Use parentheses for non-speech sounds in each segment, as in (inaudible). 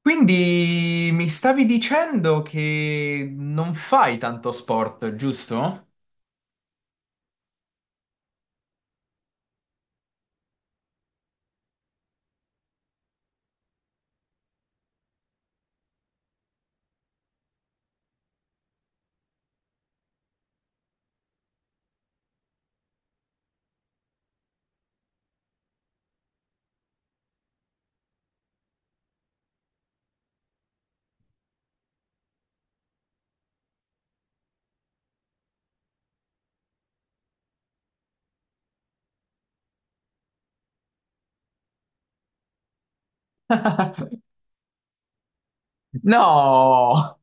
Quindi mi stavi dicendo che non fai tanto sport, giusto? (laughs) No!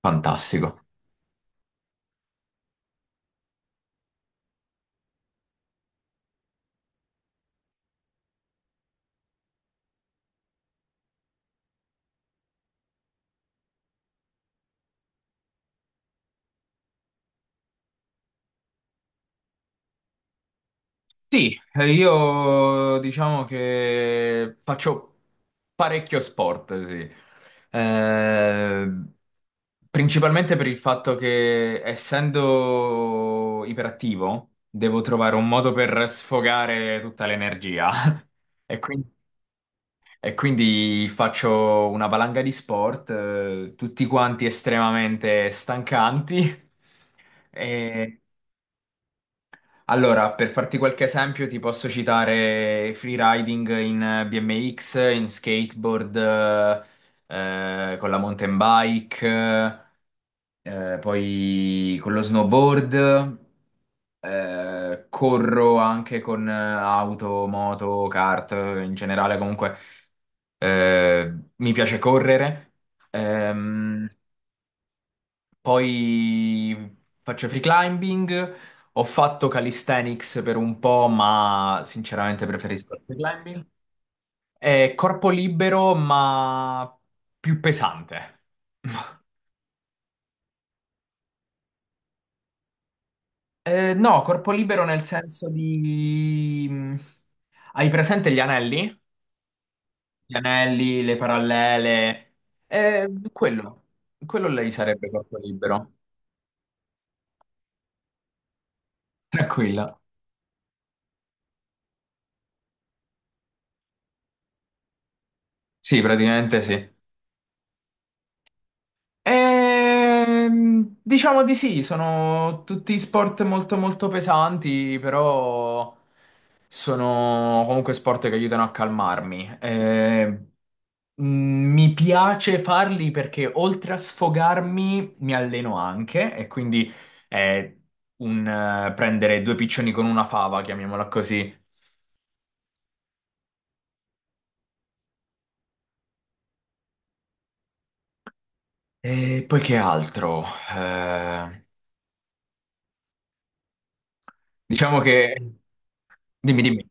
Fantastico. Sì, io diciamo che faccio parecchio sport, sì. Eh, principalmente per il fatto che essendo iperattivo devo trovare un modo per sfogare tutta l'energia. (laughs) E quindi E quindi faccio una valanga di sport, tutti quanti estremamente stancanti. E allora, per farti qualche esempio, ti posso citare freeriding in BMX, in skateboard, con la mountain bike, poi con lo snowboard, corro anche con auto, moto, kart, in generale comunque, mi piace correre. Ehm, Poi faccio free climbing, ho fatto calisthenics per un po', ma sinceramente preferisco il free climbing. È corpo libero, ma più pesante. (laughs) No, corpo libero nel senso di... Hai presente gli anelli? Gli anelli, le parallele. Quello, quello lei sarebbe corpo libero. Tranquilla. Sì, praticamente sì. Diciamo di sì, sono tutti sport molto molto pesanti, però... sono comunque sport che aiutano a calmarmi. Mi piace farli perché oltre a sfogarmi mi alleno anche, e quindi è un, prendere due piccioni con una fava, chiamiamola così. E poi che altro? Eh, diciamo che... Dimmi, dimmi.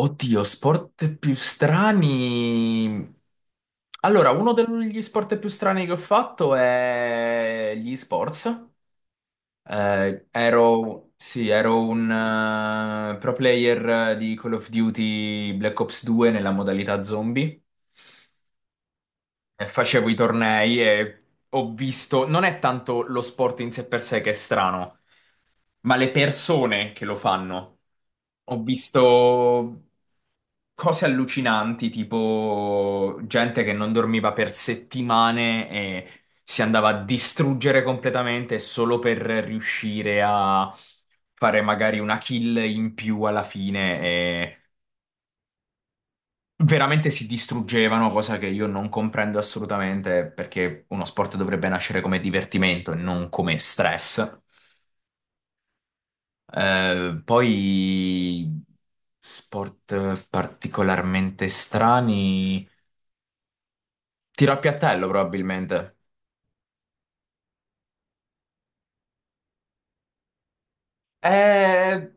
Oddio, sport più strani. Allora, uno degli sport più strani che ho fatto è gli sports. Ero un pro player di Call of Duty Black Ops 2 nella modalità zombie. E facevo i tornei e ho visto, non è tanto lo sport in sé per sé che è strano, ma le persone che lo fanno. Ho visto cose allucinanti, tipo gente che non dormiva per settimane e si andava a distruggere completamente solo per riuscire a fare magari una kill in più alla fine, e veramente si distruggevano, cosa che io non comprendo assolutamente perché uno sport dovrebbe nascere come divertimento e non come stress. Poi sport particolarmente strani. Tiro a piattello, probabilmente. Eh,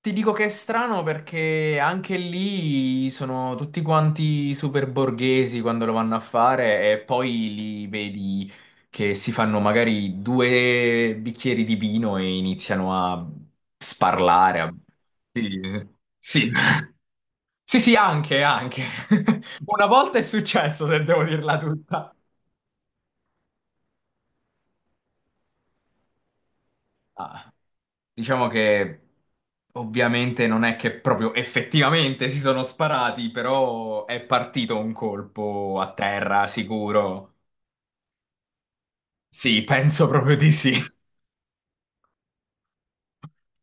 ti dico che è strano perché anche lì sono tutti quanti super borghesi quando lo vanno a fare, e poi li vedi che si fanno magari due bicchieri di vino e iniziano a sparlare. Sì, sì. Sì, sì, anche, anche. (laughs) Una volta è successo, se devo dirla tutta. Ah, diciamo che ovviamente non è che proprio effettivamente si sono sparati, però è partito un colpo a terra, sicuro. Sì, penso proprio di sì. (laughs)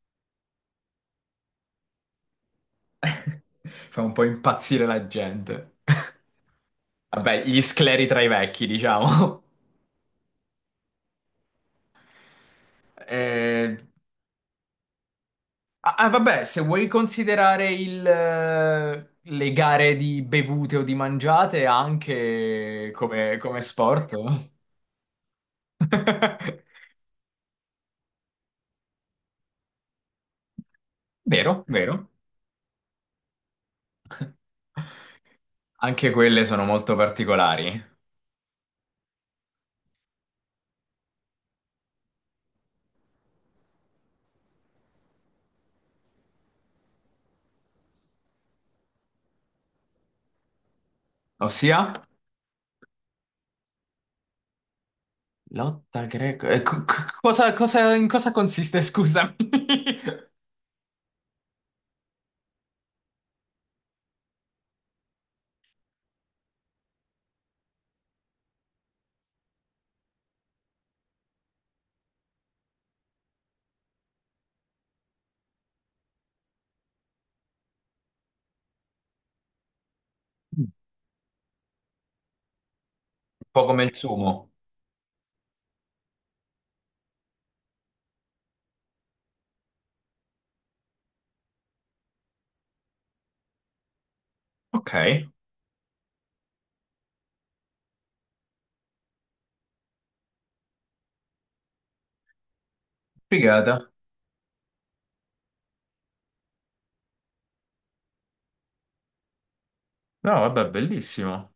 Fa un po' impazzire la gente. (laughs) Vabbè, gli scleri tra i vecchi, diciamo. (laughs) Eh, ah, ah, vabbè, se vuoi considerare le gare di bevute o di mangiate anche come, come sport. (laughs) Vero, vero. Anche quelle sono molto particolari. Ossia? Lotta greco. Cosa, in cosa consiste, scusami? (laughs) Un po' come il sumo. Ok, figata. No, vabbè, bellissimo.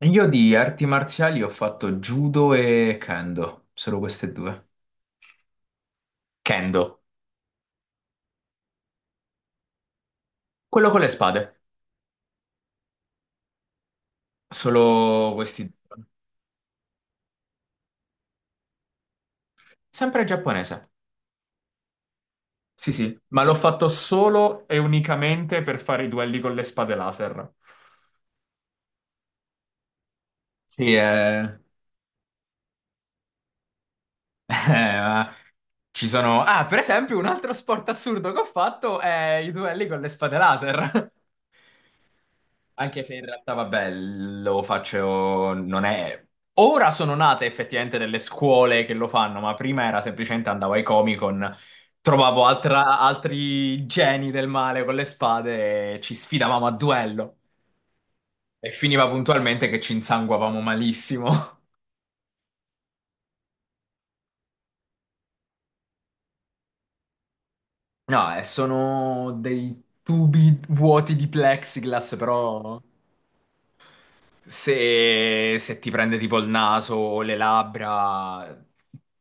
Io di arti marziali ho fatto judo e kendo, solo queste due. Kendo, quello con le spade, solo questi due. Sempre giapponese. Sì, sì. Ma l'ho fatto solo e unicamente per fare i duelli con le spade laser. sì, eh, (laughs) eh, ma ci sono... ah, per esempio, un altro sport assurdo che ho fatto è i duelli con le spade laser. (laughs) Anche se in realtà, vabbè, lo faccio, non è... Ora sono nate effettivamente delle scuole che lo fanno, ma prima era semplicemente andavo ai Comic-Con, trovavo altri geni del male con le spade e ci sfidavamo a duello. E finiva puntualmente che ci insanguavamo malissimo. (laughs) No, sono dei tubi vuoti di plexiglass, però... se, se ti prende tipo il naso o le labbra,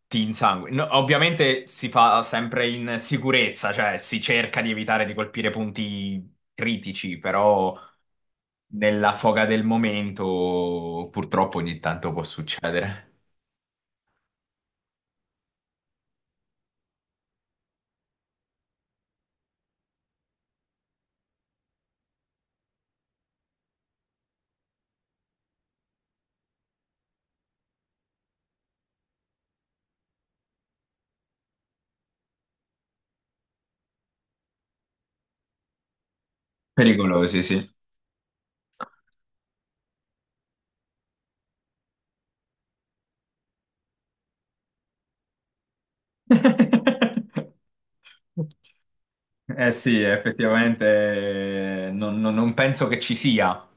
ti insanguina. No, ovviamente si fa sempre in sicurezza, cioè si cerca di evitare di colpire punti critici, però nella foga del momento purtroppo ogni tanto può succedere. Pericolosi, sì. (laughs) Eh sì, effettivamente non penso che ci sia.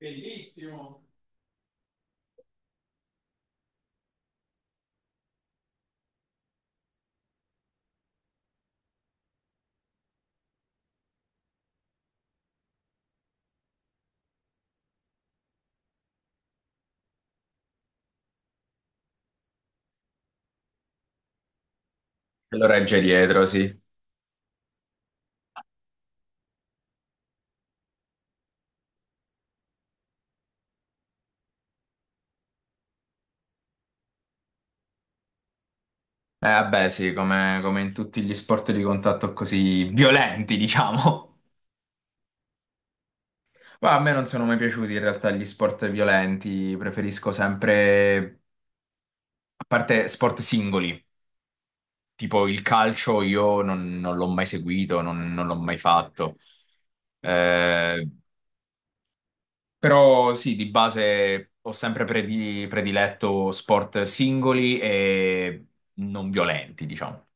Bellissimo. Lo regge dietro, sì. Vabbè, sì, come, come in tutti gli sport di contatto così violenti, (laughs) diciamo. Ma a me non sono mai piaciuti in realtà gli sport violenti, preferisco sempre, a parte sport singoli, tipo il calcio, io non l'ho mai seguito, non l'ho mai fatto. Eh, però sì, di base ho sempre prediletto sport singoli e non violenti, diciamo.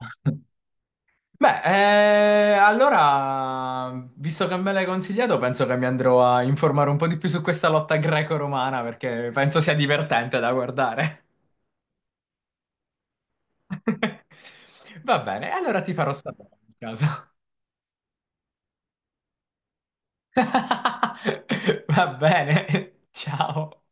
(laughs) Beh, allora, visto che me l'hai consigliato, penso che mi andrò a informare un po' di più su questa lotta greco-romana perché penso sia divertente da guardare. (laughs) Va bene, allora ti farò sapere in caso. (laughs) Va bene, ciao.